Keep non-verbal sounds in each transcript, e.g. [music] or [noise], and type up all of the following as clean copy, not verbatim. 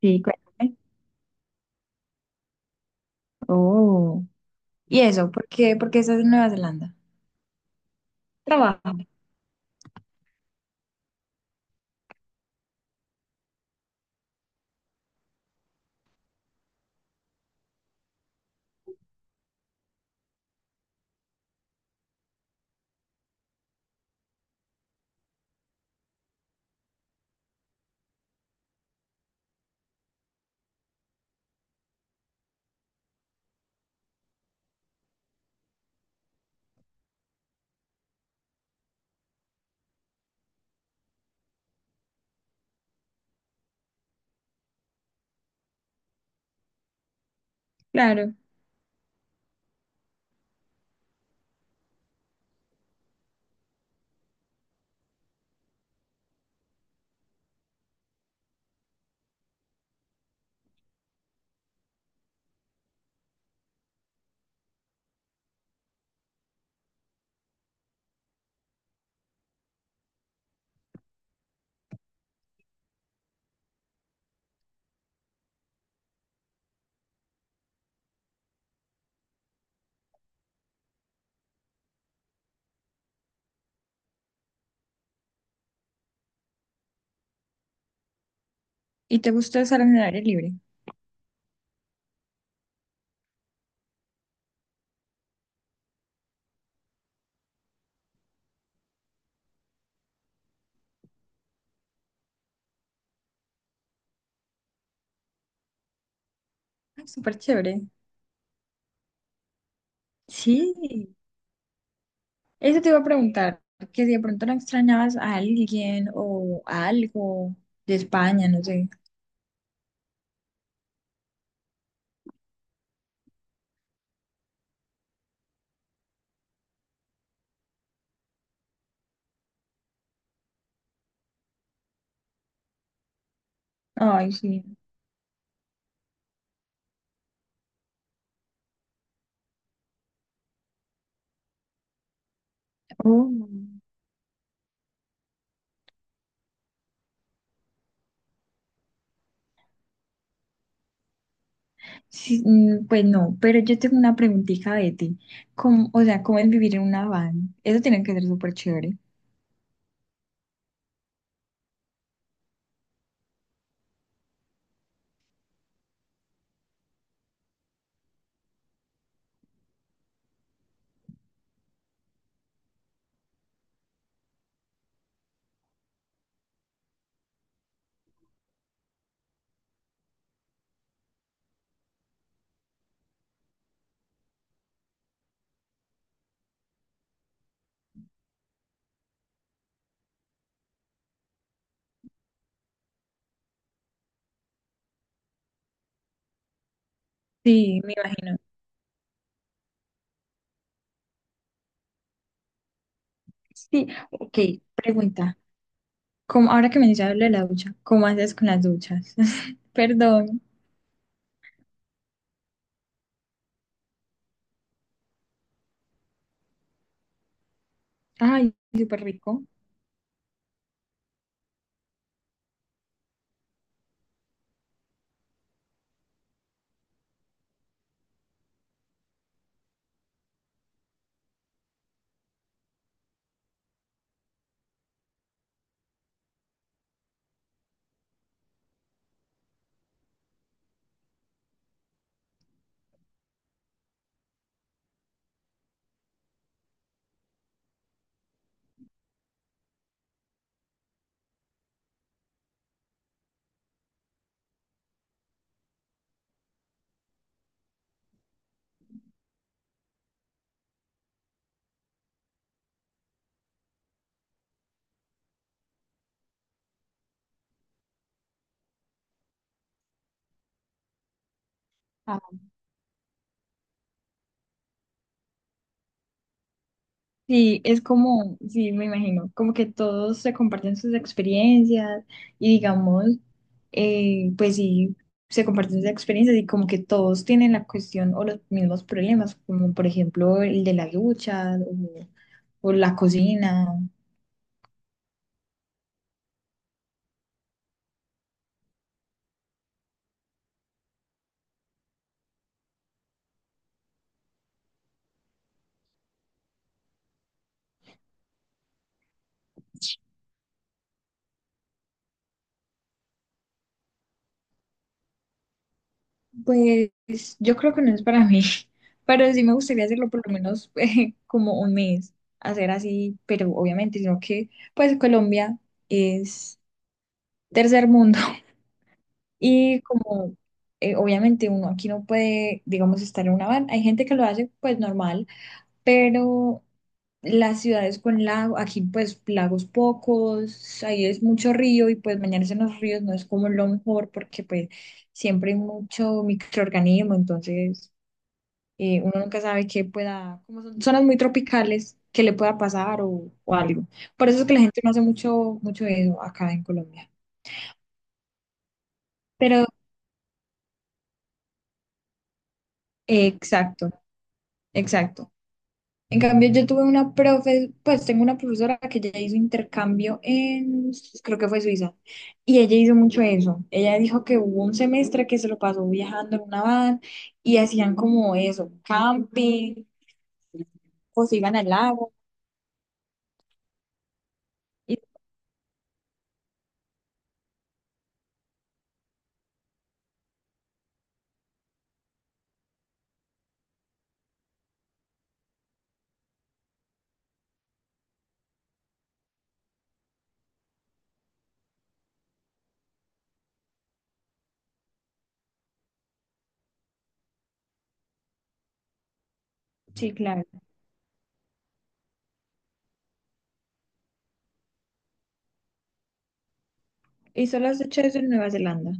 Sí, cuéntame. Oh. ¿Y eso? ¿Por qué? ¿Por qué estás en Nueva Zelanda? Trabajo. Claro. ¿Y te gusta estar en el aire libre? Ah, súper chévere. Sí. Eso te iba a preguntar, que si de pronto no extrañabas a alguien o a algo de España, no sé. Ay, sí. Oh. Sí, mm, pues no, pero yo tengo una preguntita de ti. ¿Cómo- o sea, ¿cómo es vivir en una van? Eso tiene que ser súper chévere. Sí, me imagino. Sí, ok, pregunta. Como, ahora que mencionas lo de la ducha, ¿cómo haces con las duchas? [laughs] Perdón. Ay, súper rico. Ah, sí, es como, sí, me imagino, como que todos se comparten sus experiencias y digamos, pues sí, se comparten sus experiencias y como que todos tienen la cuestión o los mismos problemas, como por ejemplo el de la ducha o la cocina. Pues yo creo que no es para mí, [laughs] pero sí me gustaría hacerlo por lo menos [laughs] como un mes, hacer así, pero obviamente, sino que pues Colombia es tercer mundo [laughs] y como obviamente uno aquí no puede, digamos, estar en una van, hay gente que lo hace pues normal, pero las ciudades con lago, aquí pues lagos pocos, ahí es mucho río y pues bañarse en los ríos no es como lo mejor porque pues siempre hay mucho microorganismo, entonces uno nunca sabe qué pueda, como son zonas muy tropicales, qué le pueda pasar o algo. Por eso es que la gente no hace mucho eso acá en Colombia. Pero, exacto, exacto. En cambio, yo tuve una profe, pues tengo una profesora que ella hizo intercambio en, creo que fue Suiza, y ella hizo mucho eso. Ella dijo que hubo un semestre que se lo pasó viajando en una van y hacían como eso, camping, o se iban al lago. Y, sí, claro. Y solo has hecho eso en Nueva Zelanda.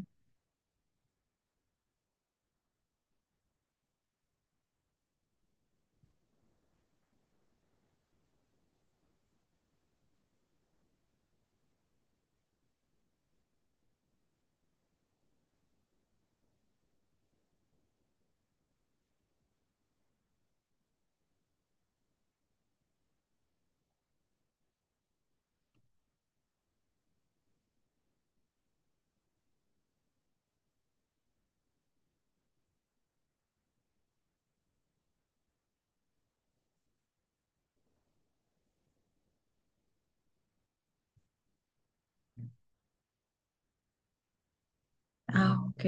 Ah, ok.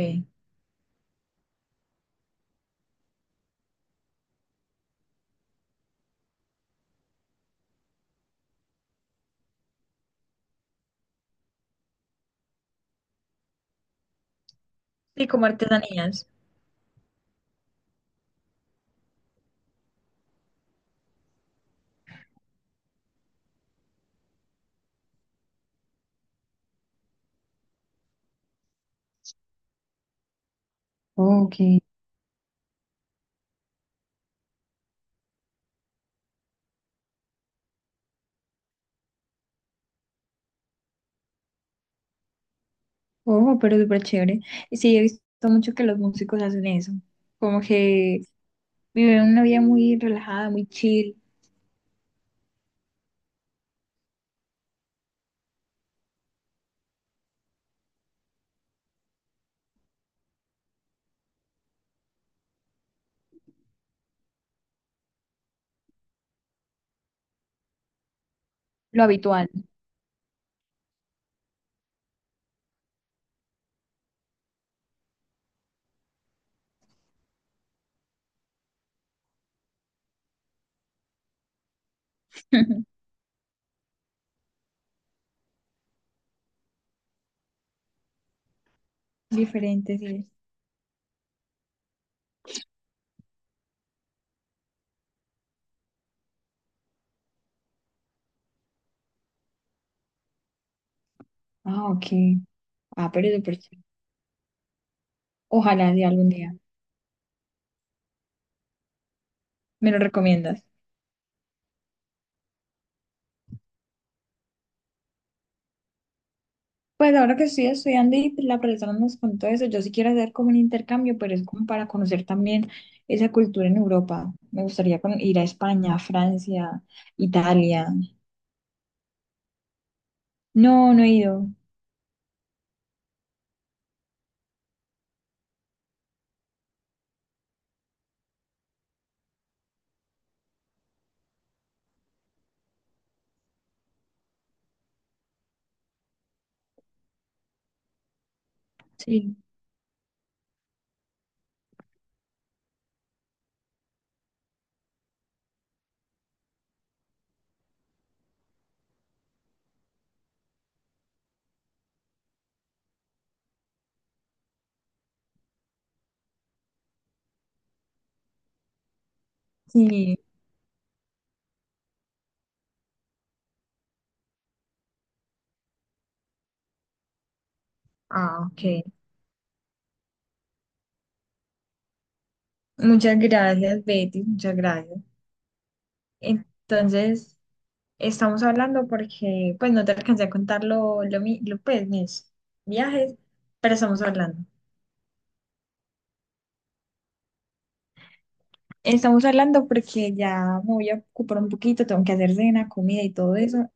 Sí, como artesanías. Ok, oh, pero súper chévere. Y sí, he visto mucho que los músicos hacen eso, como que viven una vida muy relajada, muy chill, lo habitual, [laughs] diferente, sí. Ah, ok, ah, pero súper chévere. Ojalá de algún día, me lo recomiendas. Pues ahora que estoy estudiando y la profesora nos contó eso, yo sí quiero hacer como un intercambio, pero es como para conocer también esa cultura en Europa. Me gustaría ir a España, Francia, Italia. No, no he ido. Sí. Sí. Ah, ok. Muchas gracias, Betty, muchas gracias. Entonces, estamos hablando porque, pues, no te alcancé a contar pues, mis viajes, pero estamos hablando. Estamos hablando porque ya me voy a ocupar un poquito, tengo que hacer cena, comida y todo eso.